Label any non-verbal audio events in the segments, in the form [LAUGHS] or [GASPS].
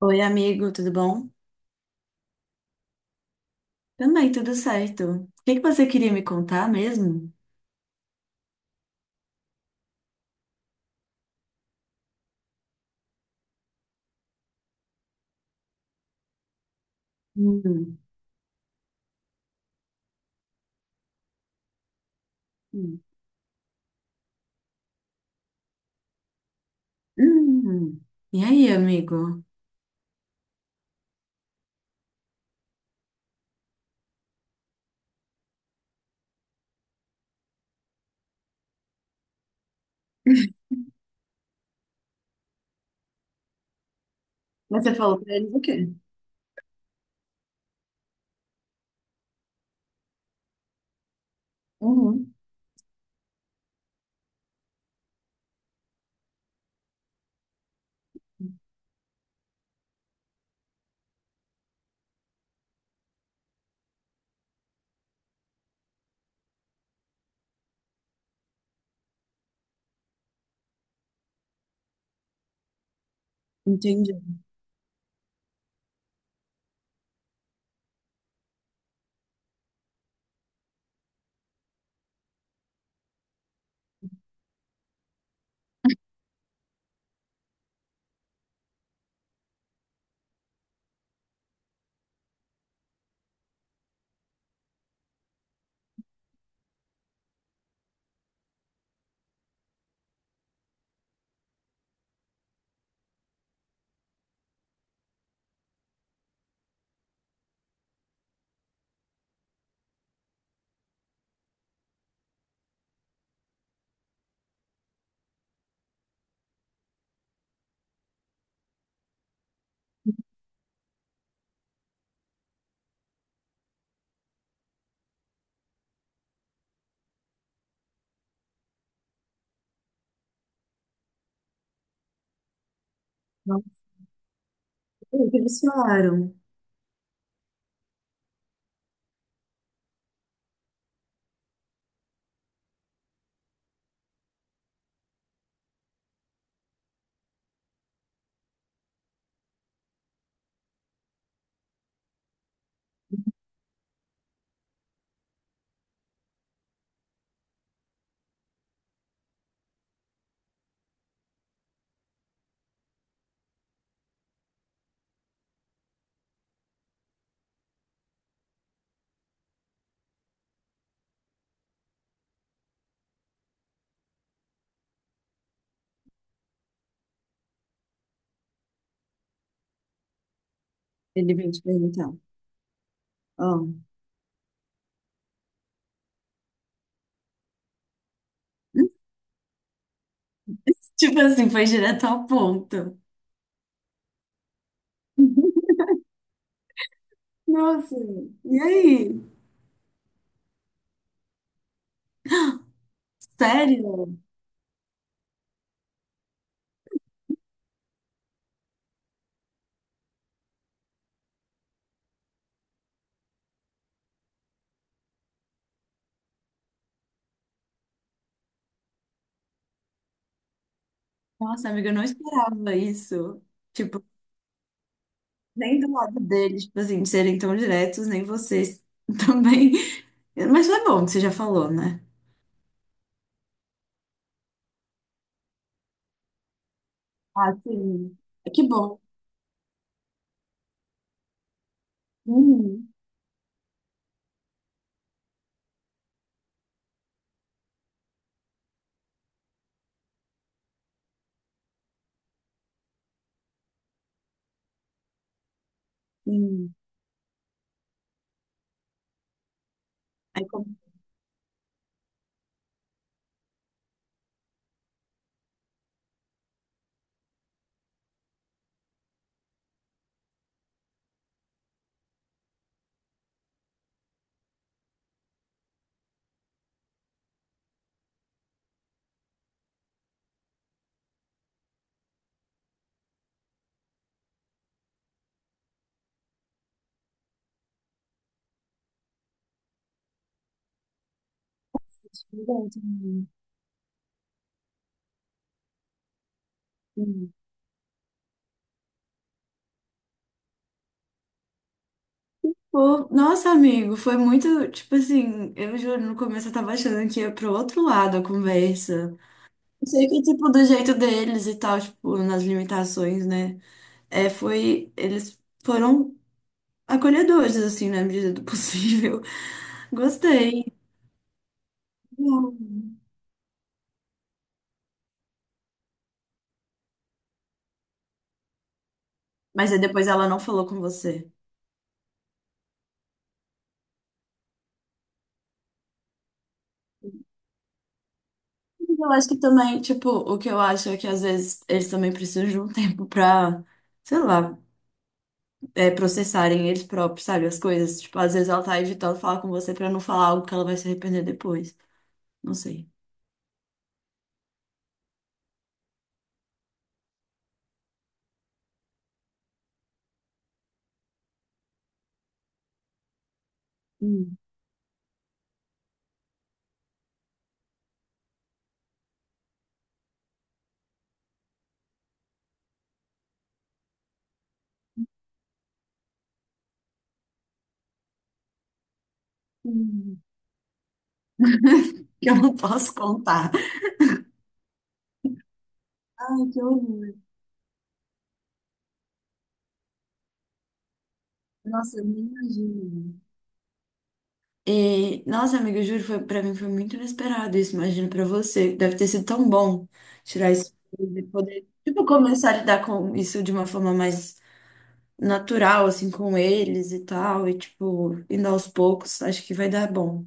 Oi, amigo, tudo bom? Também, tudo certo. O que que você queria me contar mesmo? Hum, hum, hum. E aí, amigo? Mas você falou pra eles o quê? Uhum, entendi. Não sei o que eles falaram. Ele veio te perguntar. Oh. [LAUGHS] Tipo assim, foi direto ao ponto. [LAUGHS] Nossa, e aí? [GASPS] Sério? Nossa, amiga, eu não esperava isso. Tipo nem do lado deles, tipo assim, de serem tão diretos, nem vocês [LAUGHS] também. Mas foi bom que você já falou, né? Ah, sim. É que bom. Uhum, sim. Aí compartilha também. Sim. Pô, nossa, amigo, foi muito, tipo assim, eu juro, no começo eu tava achando que ia pro outro lado a conversa. Não sei, que tipo do jeito deles e tal, tipo, nas limitações, né? É, foi, eles foram acolhedores, assim, na medida do possível. [LAUGHS] Gostei. Mas aí depois ela não falou com você. Mas eu acho que também, tipo, o que eu acho é que às vezes eles também precisam de um [LAUGHS] tempo pra, sei lá, processarem eles próprios, sabe, as coisas. Tipo, às vezes ela tá evitando falar com você pra não falar algo que ela vai se arrepender depois. Não sei. Hum. [LAUGHS] Hum. Eu não posso contar. Ai, que horror. Nossa, eu nem imagino. E, nossa, amiga, eu juro, foi, pra mim foi muito inesperado isso. Imagino pra você. Deve ter sido tão bom tirar isso e poder, tipo, começar a lidar com isso de uma forma mais natural, assim, com eles e tal. E, tipo, indo aos poucos, acho que vai dar bom.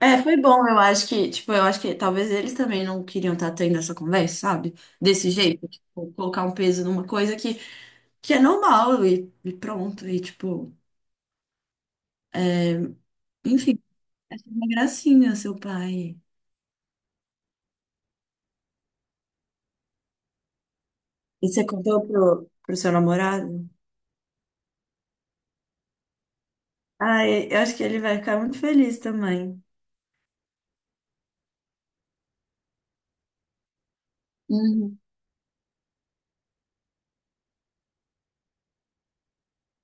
É, foi bom, eu acho que, tipo, eu acho que talvez eles também não queriam estar tendo essa conversa, sabe? Desse jeito, tipo, colocar um peso numa coisa que, é normal e, pronto. E, tipo, enfim, é uma gracinha, seu pai. E você contou pro, pro seu namorado? Ah, eu acho que ele vai ficar muito feliz também. Uhum.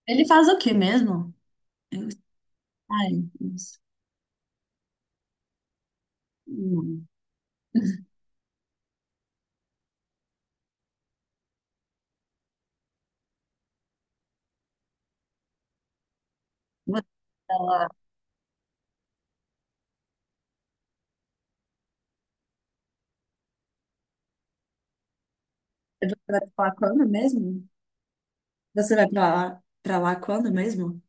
Ele faz o quê mesmo? Eu... Ai, isso. Hum. Você vai lá, você vai pra lá quando mesmo? Você vai pra lá quando mesmo?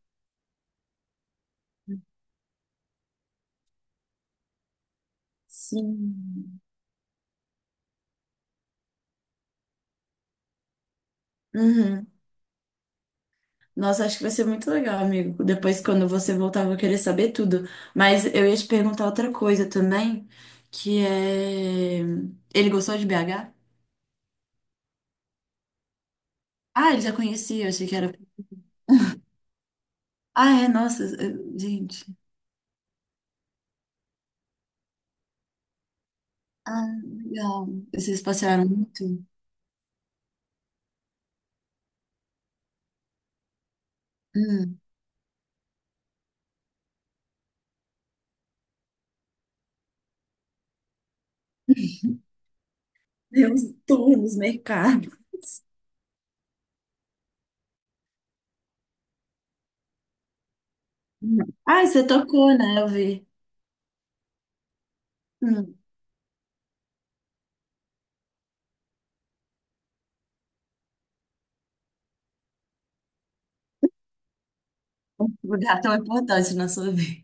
Sim. Uhum. Nossa, acho que vai ser muito legal, amigo. Depois, quando você voltar, eu vou querer saber tudo. Mas eu ia te perguntar outra coisa também, que é... Ele gostou de BH? Ah, ele já conhecia, eu achei que era... Ah, é, nossa, gente. Ah, legal. Vocês passearam muito? Hum. Deu uns tours nos mercados. Hum. Ah, você tocou, né? Eu vi. Hum. Um lugar tão importante na sua vida.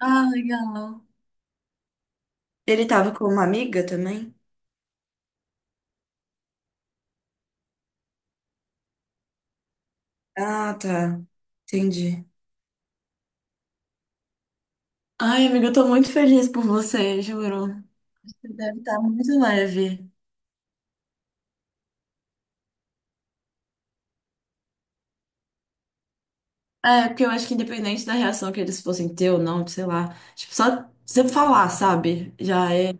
Ah, legal. Ele tava com uma amiga também? Ah, tá. Entendi. Ai, amiga, eu tô muito feliz por você, juro. Você deve estar muito leve. É, porque eu acho que independente da reação que eles fossem ter ou não, sei lá, tipo, só você falar, sabe? Já é.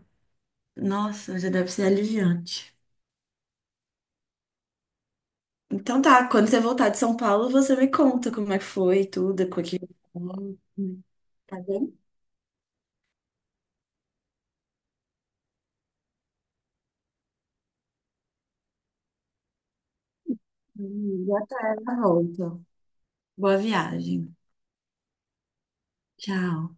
Nossa, já deve ser aliviante. Então tá, quando você voltar de São Paulo, você me conta como é que foi tudo, com aquele. Tá bem? Já tá na volta. Boa viagem. Tchau.